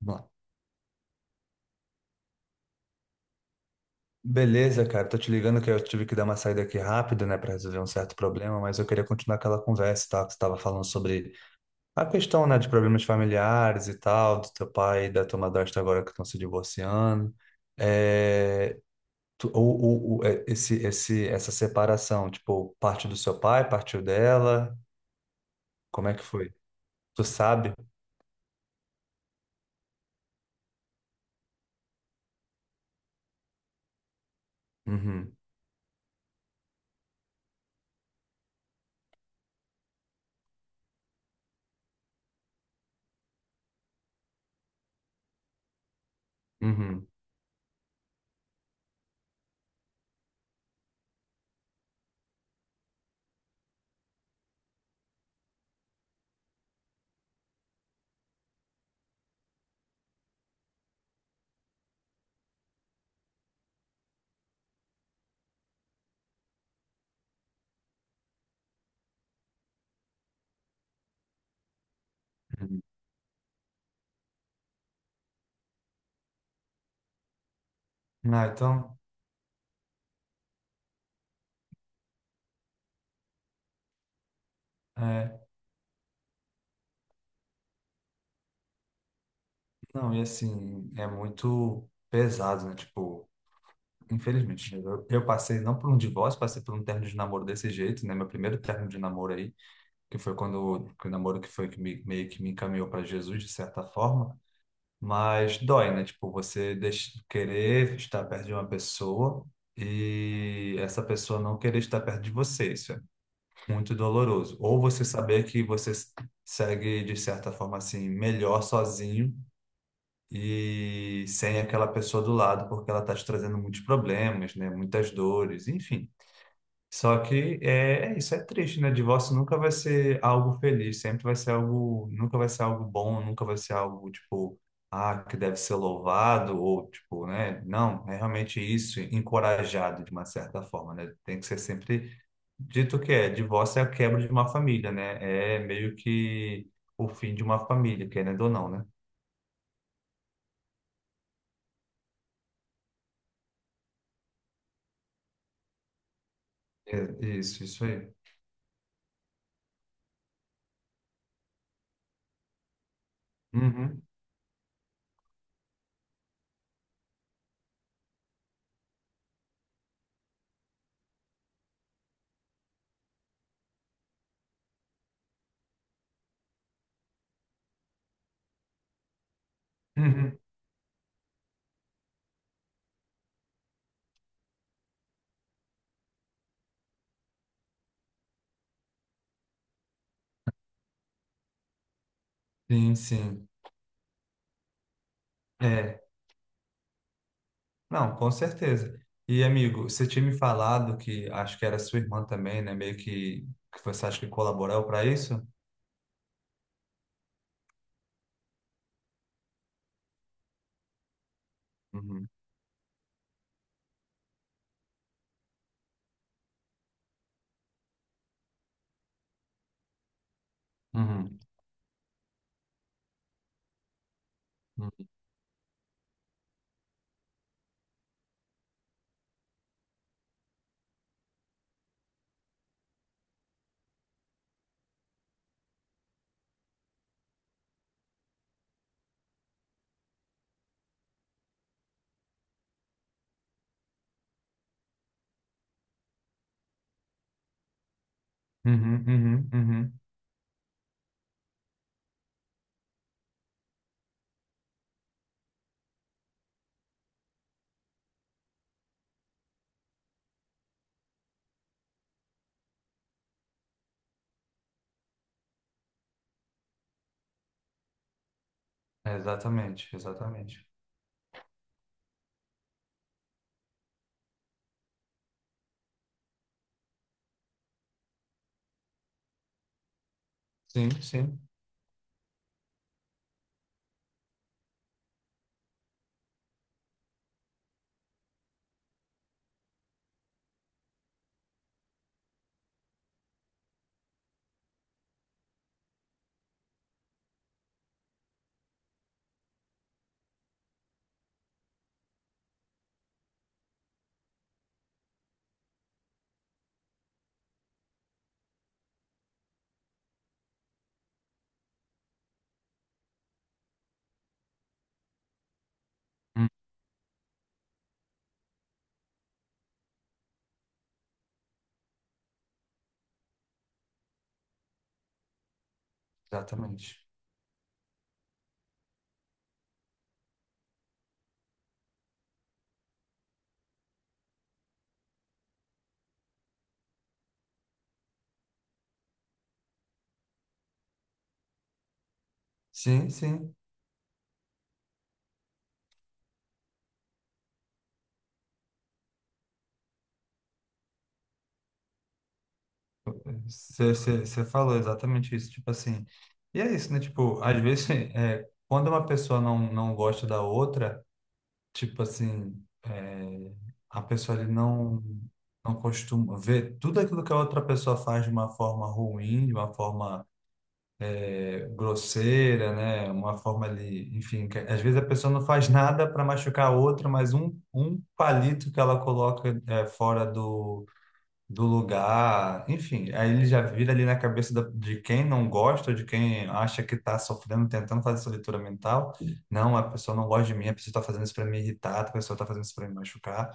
Bom. Beleza, cara. Tô te ligando que eu tive que dar uma saída aqui rápido, né, para resolver um certo problema, mas eu queria continuar aquela conversa, tá? Que você tava falando sobre a questão, né, de problemas familiares e tal, do teu pai e da tua madrasta agora que estão se divorciando. É, essa separação, tipo, parte do seu pai, partiu dela, como é que foi? Tu sabe? Uhum, uhum, uhum. Ah, então, é, não, e assim, é muito pesado, né, tipo. Infelizmente, eu passei não por um divórcio, passei por um término de namoro desse jeito, né? Meu primeiro término de namoro aí, que foi quando que o namoro que foi que me, meio que me encaminhou para Jesus de certa forma, mas dói, né? Tipo, você deixa, querer estar perto de uma pessoa e essa pessoa não querer estar perto de você, isso é muito doloroso. Ou você saber que segue de certa forma assim melhor sozinho e sem aquela pessoa do lado, porque ela está te trazendo muitos problemas, né? Muitas dores, enfim. Só que é, é isso, é triste, né? Divórcio nunca vai ser algo feliz, sempre vai ser algo, nunca vai ser algo bom, nunca vai ser algo tipo, ah, que deve ser louvado ou tipo, né? Não, é realmente isso, encorajado de uma certa forma, né? Tem que ser sempre dito que é, divórcio é a quebra de uma família, né? É meio que o fim de uma família, querendo ou não, né? É, isso aí. Uhum. Uhum. Sim, sim. É, não, com certeza. E, amigo, você tinha me falado que acho que era sua irmã também, né? Meio que você acha que colaborou para isso? Uhum. Uhum. Uhum. Uhum. Uhum. Uhum. É, exatamente, exatamente. Sim, sim. Hum. Exatamente. Sim, sim. Você falou exatamente isso. Tipo assim. E é isso, né? Tipo, às vezes, é, quando uma pessoa não, não gosta da outra. Tipo assim, é, a pessoa ele não, não costuma ver tudo aquilo que a outra pessoa faz de uma forma ruim, de uma forma é, grosseira, né? Uma forma ali, enfim, que às vezes a pessoa não faz nada para machucar a outra, mas um palito que ela coloca é, fora do do lugar, enfim, aí ele já vira ali na cabeça de quem não gosta, de quem acha que está sofrendo, tentando fazer essa leitura mental. Não, a pessoa não gosta de mim, a pessoa está fazendo isso para me irritar, a pessoa está fazendo isso para me machucar.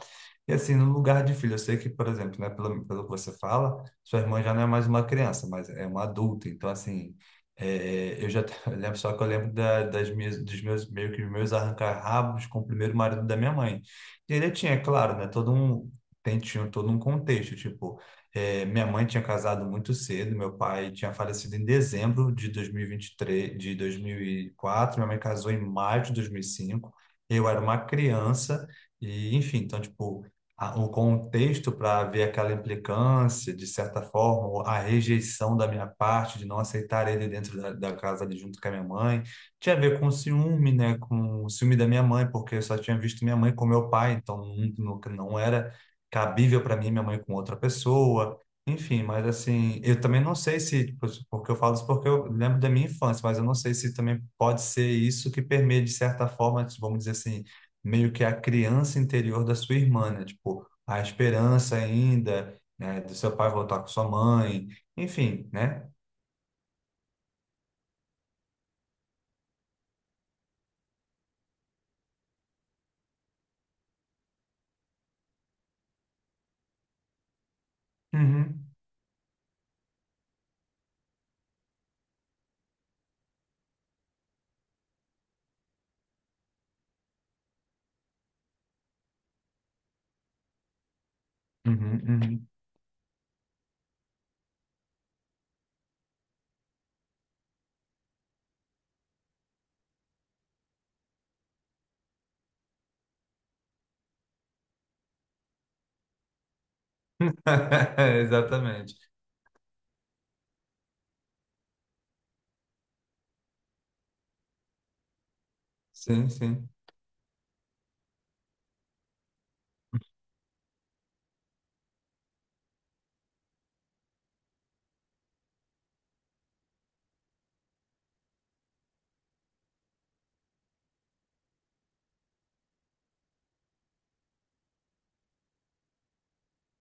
E assim, no lugar de filho, eu sei que, por exemplo, né, pelo, pelo que você fala, sua irmã já não é mais uma criança, mas é uma adulta. Então, assim, é, eu já eu lembro, só que eu lembro da, das minhas, dos meus, meio que os meus arrancar-rabos com o primeiro marido da minha mãe. E ele tinha, claro, né, tinha todo um contexto, tipo, minha mãe tinha casado muito cedo, meu pai tinha falecido em dezembro de 2023, de 2004, minha mãe casou em maio de 2005, eu era uma criança, e enfim, então, tipo, o contexto para ver aquela implicância, de certa forma, ou a rejeição da minha parte, de não aceitar ele dentro da, da casa ali junto com a minha mãe, tinha a ver com ciúme, né? Com o ciúme da minha mãe, porque eu só tinha visto minha mãe com meu pai, então não era cabível para mim, minha mãe com outra pessoa, enfim, mas assim, eu também não sei se, tipo, porque eu falo isso porque eu lembro da minha infância, mas eu não sei se também pode ser isso que permeia, de certa forma, vamos dizer assim, meio que a criança interior da sua irmã, né? Tipo, a esperança ainda, né, do seu pai voltar com sua mãe, enfim, né? Uhum, uhum, uhum. Exatamente. Sim, sim,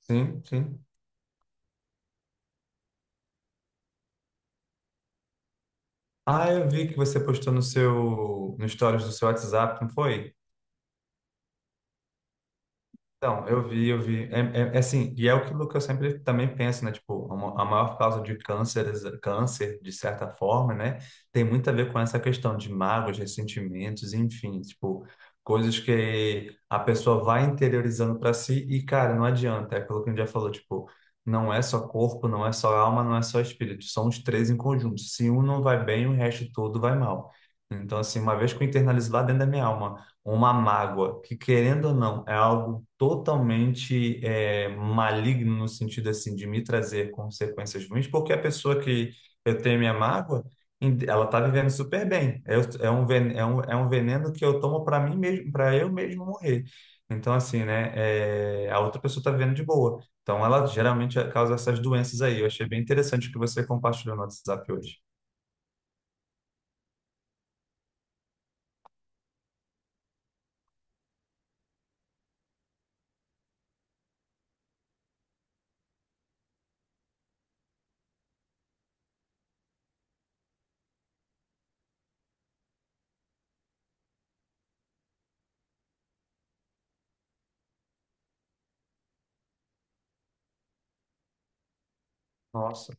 sim, sim. Ah, eu vi que você postou no seu, no stories do seu WhatsApp, não foi? Então, eu vi, eu vi. É, é assim, e é aquilo que eu sempre também penso, né? Tipo, a maior causa de cânceres, câncer, de certa forma, né? Tem muito a ver com essa questão de mágoas, ressentimentos, enfim, tipo, coisas que a pessoa vai interiorizando para si e, cara, não adianta. É aquilo que a gente já falou, tipo, não é só corpo, não é só alma, não é só espírito. São os três em conjunto. Se um não vai bem, o resto todo vai mal. Então, assim, uma vez que eu internalizo lá dentro da minha alma, uma mágoa, que querendo ou não, é algo totalmente é, maligno no sentido assim de me trazer consequências ruins, porque a pessoa que eu tenho minha mágoa, ela está vivendo super bem. É, é um veneno que eu tomo para mim mesmo, para eu mesmo morrer. Então, assim, né, é, a outra pessoa está vivendo de boa. Então, ela geralmente causa essas doenças aí. Eu achei bem interessante o que você compartilhou no WhatsApp hoje. Nossa.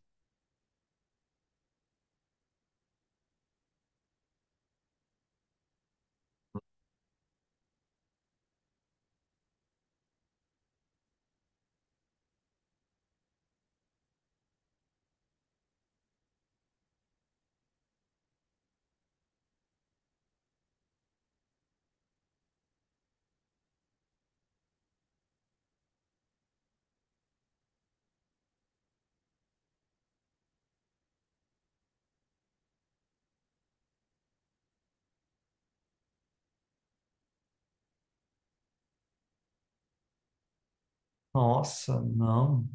Nossa, não.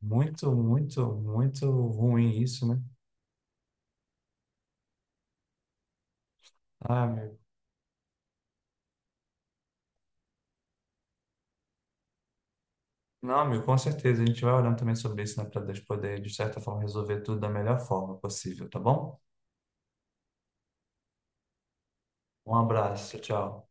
Muito, muito, muito ruim isso, né? Ah, amigo. Não, amigo, com certeza. A gente vai orando também sobre isso, né? Para Deus poder, de certa forma, resolver tudo da melhor forma possível, tá bom? Um abraço, tchau.